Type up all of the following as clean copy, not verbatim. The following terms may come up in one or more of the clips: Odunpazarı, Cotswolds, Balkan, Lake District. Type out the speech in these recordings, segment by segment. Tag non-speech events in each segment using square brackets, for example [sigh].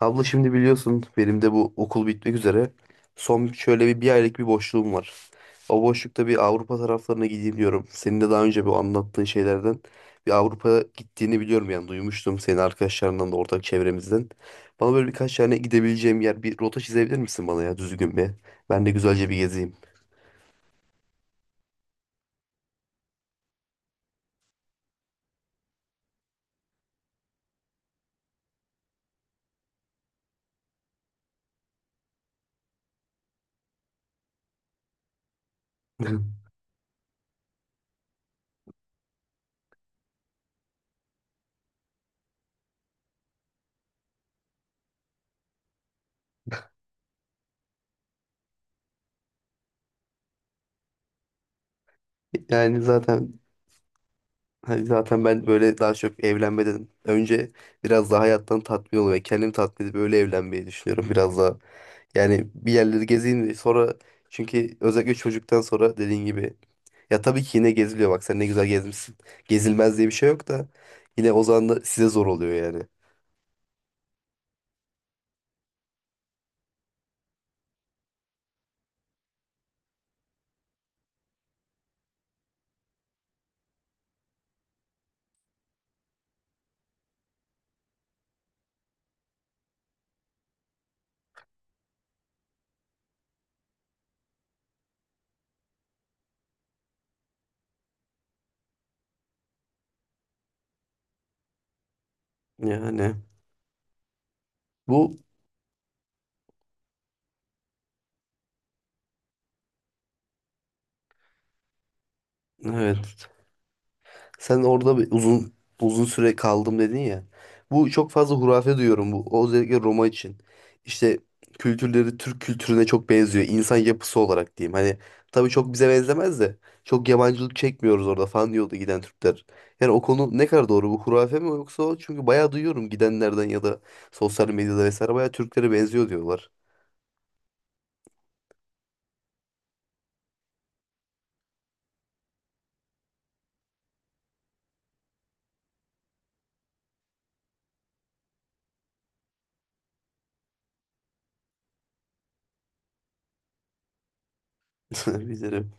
Abla, şimdi biliyorsun benim de bu okul bitmek üzere. Son şöyle bir aylık bir boşluğum var. O boşlukta bir Avrupa taraflarına gideyim diyorum. Senin de daha önce bu anlattığın şeylerden bir Avrupa gittiğini biliyorum, yani duymuştum senin arkadaşlarından da ortak çevremizden. Bana böyle birkaç tane gidebileceğim yer, bir rota çizebilir misin bana, ya düzgün bir? Ben de güzelce bir gezeyim. [laughs] Yani zaten Hani zaten ben böyle daha çok evlenmeden önce biraz daha hayattan tatmin olmayı ve kendimi tatmin edip öyle evlenmeyi düşünüyorum biraz daha. Yani bir yerleri gezeyim de sonra, çünkü özellikle çocuktan sonra dediğin gibi ya tabii ki yine geziliyor, bak sen ne güzel gezmişsin. Gezilmez diye bir şey yok da yine o zaman da size zor oluyor yani. Yani bu evet Sen orada bir uzun süre kaldım dedin ya. Bu çok fazla hurafe duyuyorum bu. O özellikle Roma için. İşte kültürleri Türk kültürüne çok benziyor. İnsan yapısı olarak diyeyim. Hani tabii çok bize benzemez de çok yabancılık çekmiyoruz orada falan diyordu giden Türkler. Yani o konu ne kadar doğru? Bu hurafe mi yoksa o? Çünkü bayağı duyuyorum gidenlerden ya da sosyal medyada vesaire, bayağı Türklere benziyor diyorlar. [laughs] Bizlerim.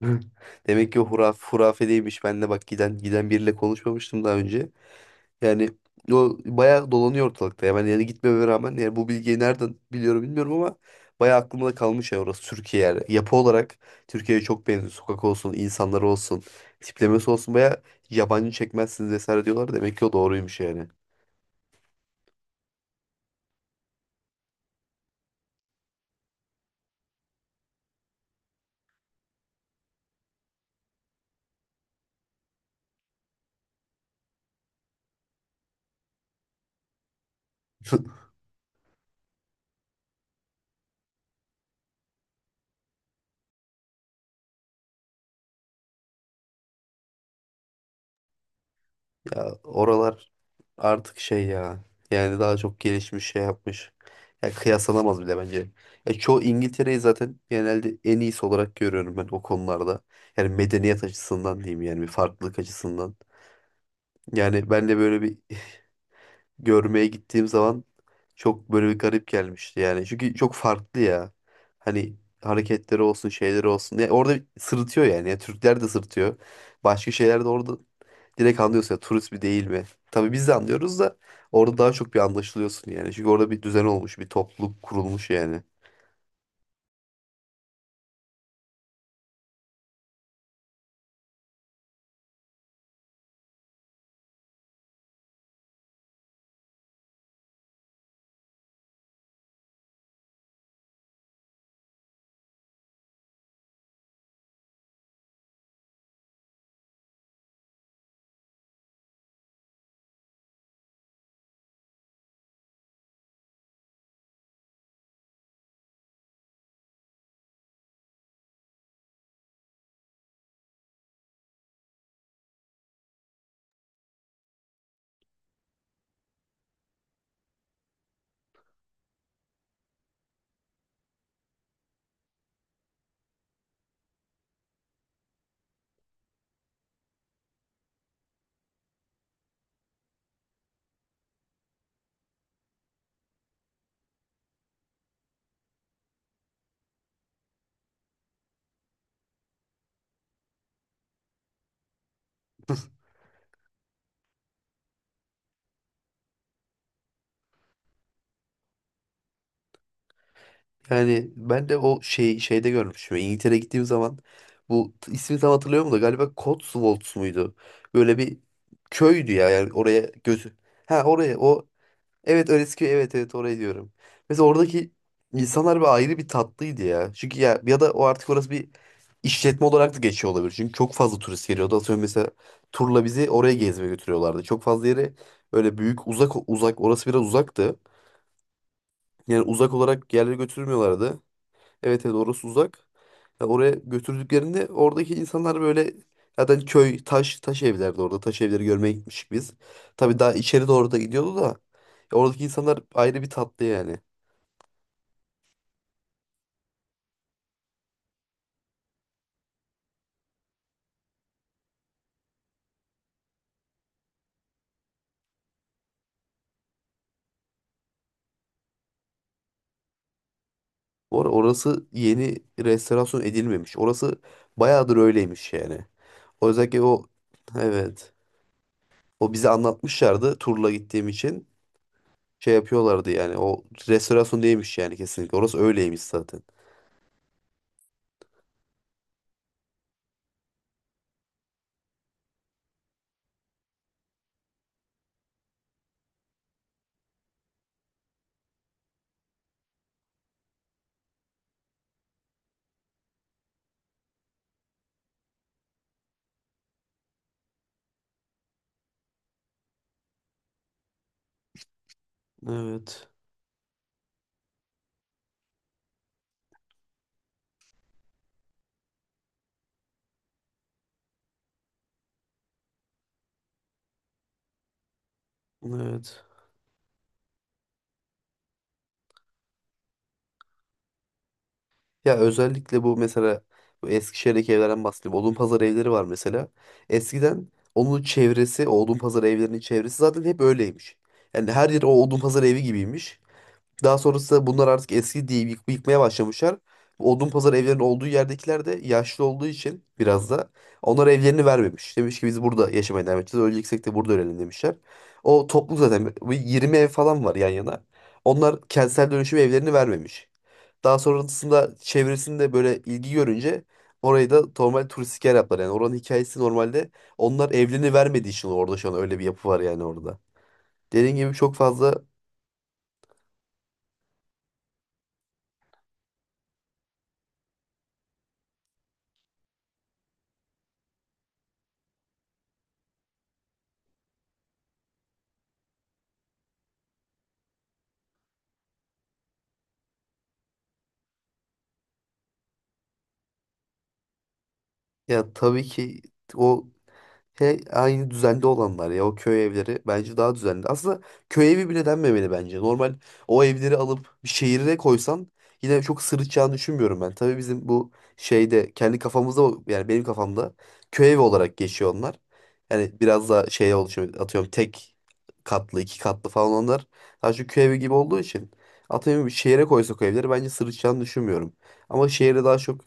[laughs] Demek ki o hurafe değilmiş. Ben de bak giden biriyle konuşmamıştım daha önce. Yani o bayağı dolanıyor ortalıkta ya. Ben yani gitmeme rağmen yani bu bilgiyi nereden biliyorum bilmiyorum ama bayağı aklımda kalmış ya, orası Türkiye yani. Yapı olarak Türkiye'ye çok benziyor. Sokak olsun, insanlar olsun, tiplemesi olsun bayağı yabancı çekmezsiniz vesaire diyorlar. Demek ki o doğruymuş yani. [laughs] Ya oralar artık şey ya. Yani daha çok gelişmiş şey yapmış. Ya kıyaslanamaz bile bence. Ya çoğu İngiltere'yi zaten genelde en iyisi olarak görüyorum ben o konularda. Yani medeniyet açısından diyeyim, yani bir farklılık açısından. Yani ben de böyle bir [laughs] görmeye gittiğim zaman çok böyle bir garip gelmişti yani. Çünkü çok farklı ya. Hani hareketleri olsun, şeyleri olsun. Ya orada sırıtıyor yani. Ya Türkler de sırıtıyor. Başka şeyler de orada direkt anlıyorsun, ya turist mi değil mi? Tabii biz de anlıyoruz da orada daha çok bir anlaşılıyorsun yani. Çünkü orada bir düzen olmuş, bir topluluk kurulmuş yani. Yani ben de o şeyde görmüşüm. İngiltere'ye gittiğim zaman bu ismini tam hatırlıyorum da, galiba Cotswolds muydu? Böyle bir köydü ya, yani oraya gözü. Ha, oraya, o, evet, öylesi köy, evet, evet, oraya diyorum. Mesela oradaki insanlar bir ayrı bir tatlıydı ya. Çünkü ya da o artık orası bir işletme olarak da geçiyor olabilir. Çünkü çok fazla turist geliyordu. Atıyorum mesela turla bizi oraya gezmeye götürüyorlardı. Çok fazla yere, öyle büyük, uzak uzak, orası biraz uzaktı. Yani uzak olarak yerlere götürmüyorlardı. Evet, evet, orası uzak. Ya oraya götürdüklerinde oradaki insanlar böyle, zaten köy, taş evlerdi orada. Taş evleri görmeye gitmiştik biz. Tabii daha içeri doğru da gidiyordu da, ya oradaki insanlar ayrı bir tatlı yani. Orası yeni restorasyon edilmemiş. Orası bayağıdır öyleymiş yani. O yüzden ki o, evet. O bize anlatmışlardı turla gittiğim için. Şey yapıyorlardı yani. O restorasyon değilmiş yani, kesinlikle. Orası öyleymiş zaten. Evet. Evet. Ya özellikle bu, mesela bu Eskişehir'deki evlerden bahsedeyim. Odunpazarı evleri var mesela. Eskiden onun çevresi, o Odunpazarı evlerinin çevresi zaten hep öyleymiş. Yani her yer o Odunpazarı evi gibiymiş. Daha sonrasında bunlar artık eski diye yıkmaya başlamışlar. Bu Odunpazarı evlerinin olduğu yerdekiler de yaşlı olduğu için biraz da, onlar evlerini vermemiş. Demiş ki biz burada yaşamaya devam edeceğiz. Öleceksek de burada ölelim demişler. O toplu zaten bir 20 ev falan var yan yana. Onlar kentsel dönüşüm evlerini vermemiş. Daha sonrasında çevresinde böyle ilgi görünce, orayı da normal turistik yer yaptılar. Yani oranın hikayesi normalde, onlar evliliğini vermediği için orada şu an öyle bir yapı var yani orada. Dediğim gibi çok fazla, yani tabii ki o, he, aynı düzenli olanlar ya, o köy evleri bence daha düzenli. Aslında köy evi bile denmemeli bence. Normal o evleri alıp bir şehire koysan yine çok sırıtacağını düşünmüyorum ben. Tabii bizim bu şeyde kendi kafamızda yani benim kafamda köy evi olarak geçiyor onlar. Yani biraz daha şeye oluşuyor, atıyorum tek katlı 2 katlı falan onlar. Daha çok köy evi gibi olduğu için atıyorum, bir şehire koysak o evleri bence sırıtacağını düşünmüyorum. Ama şehirde daha çok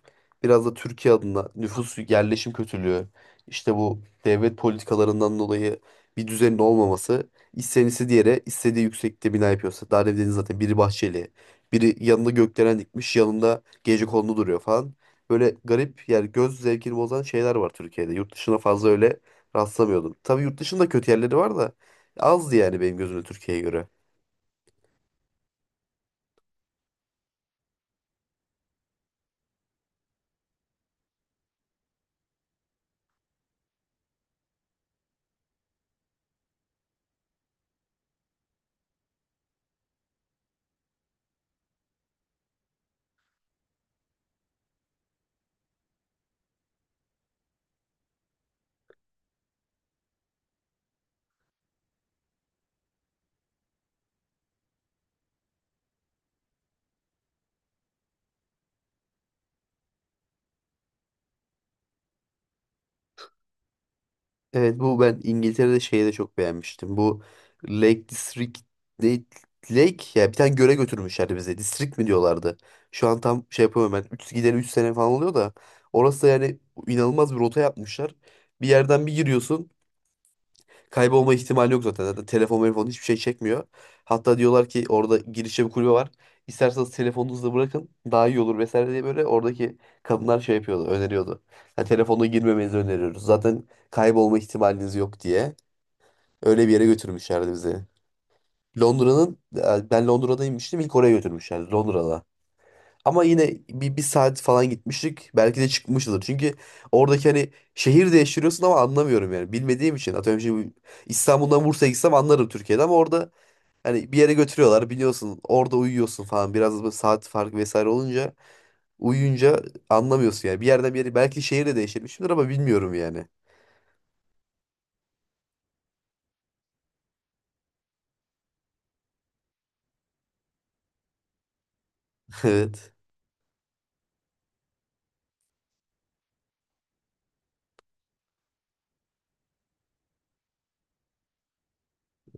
biraz da Türkiye adına nüfus yerleşim kötülüğü, işte bu devlet politikalarından dolayı bir düzenin olmaması, istenisi diğeri istediği yüksekte bina yapıyorsa Darwin'in, zaten biri bahçeli, biri yanında gökdelen dikmiş, yanında gecekondu duruyor falan. Böyle garip yani, göz zevkini bozan şeyler var Türkiye'de. Yurt dışına fazla öyle rastlamıyordum. Tabii yurt dışında kötü yerleri var da azdı yani, benim gözümde Türkiye'ye göre. Evet, bu ben İngiltere'de şeyi de çok beğenmiştim. Bu Lake District, ne- Lake, ya bir tane göle götürmüşlerdi bize. District mi diyorlardı. Şu an tam şey yapamıyorum ben. Üç gideli 3 sene falan oluyor da orası da, yani inanılmaz bir rota yapmışlar. Bir yerden bir giriyorsun. Kaybolma ihtimali yok zaten. Zaten telefon hiçbir şey çekmiyor. Hatta diyorlar ki orada girişte bir kulübe var. İsterseniz telefonunuzu da bırakın daha iyi olur vesaire diye, böyle oradaki kadınlar şey yapıyordu, öneriyordu. Yani telefonla girmemenizi öneriyoruz, zaten kaybolma ihtimaliniz yok diye. Öyle bir yere götürmüşlerdi bizi. Ben Londra'daymıştım, ilk oraya götürmüşler Londra'da. Ama yine bir saat falan gitmiştik. Belki de çıkmışızdır. Çünkü oradaki hani şehir değiştiriyorsun ama anlamıyorum yani. Bilmediğim için. Atıyorum şimdi İstanbul'dan Bursa'ya gitsem anlarım Türkiye'de, ama orada hani bir yere götürüyorlar biliyorsun. Orada uyuyorsun falan. Biraz da böyle saat farkı vesaire olunca, uyuyunca anlamıyorsun yani. Bir yerden bir yere belki şehir de değiştirmişimdir ama bilmiyorum yani. [laughs] Evet.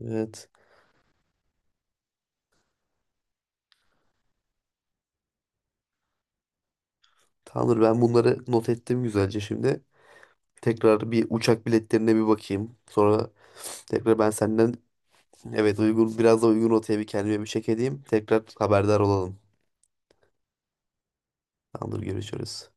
Evet. Tamamdır, ben bunları not ettim güzelce şimdi. Tekrar bir uçak biletlerine bir bakayım. Sonra tekrar ben senden. Evet, uygun biraz da uygun rotaya bir kendime bir çek edeyim. Tekrar haberdar olalım. Tamamdır, görüşürüz.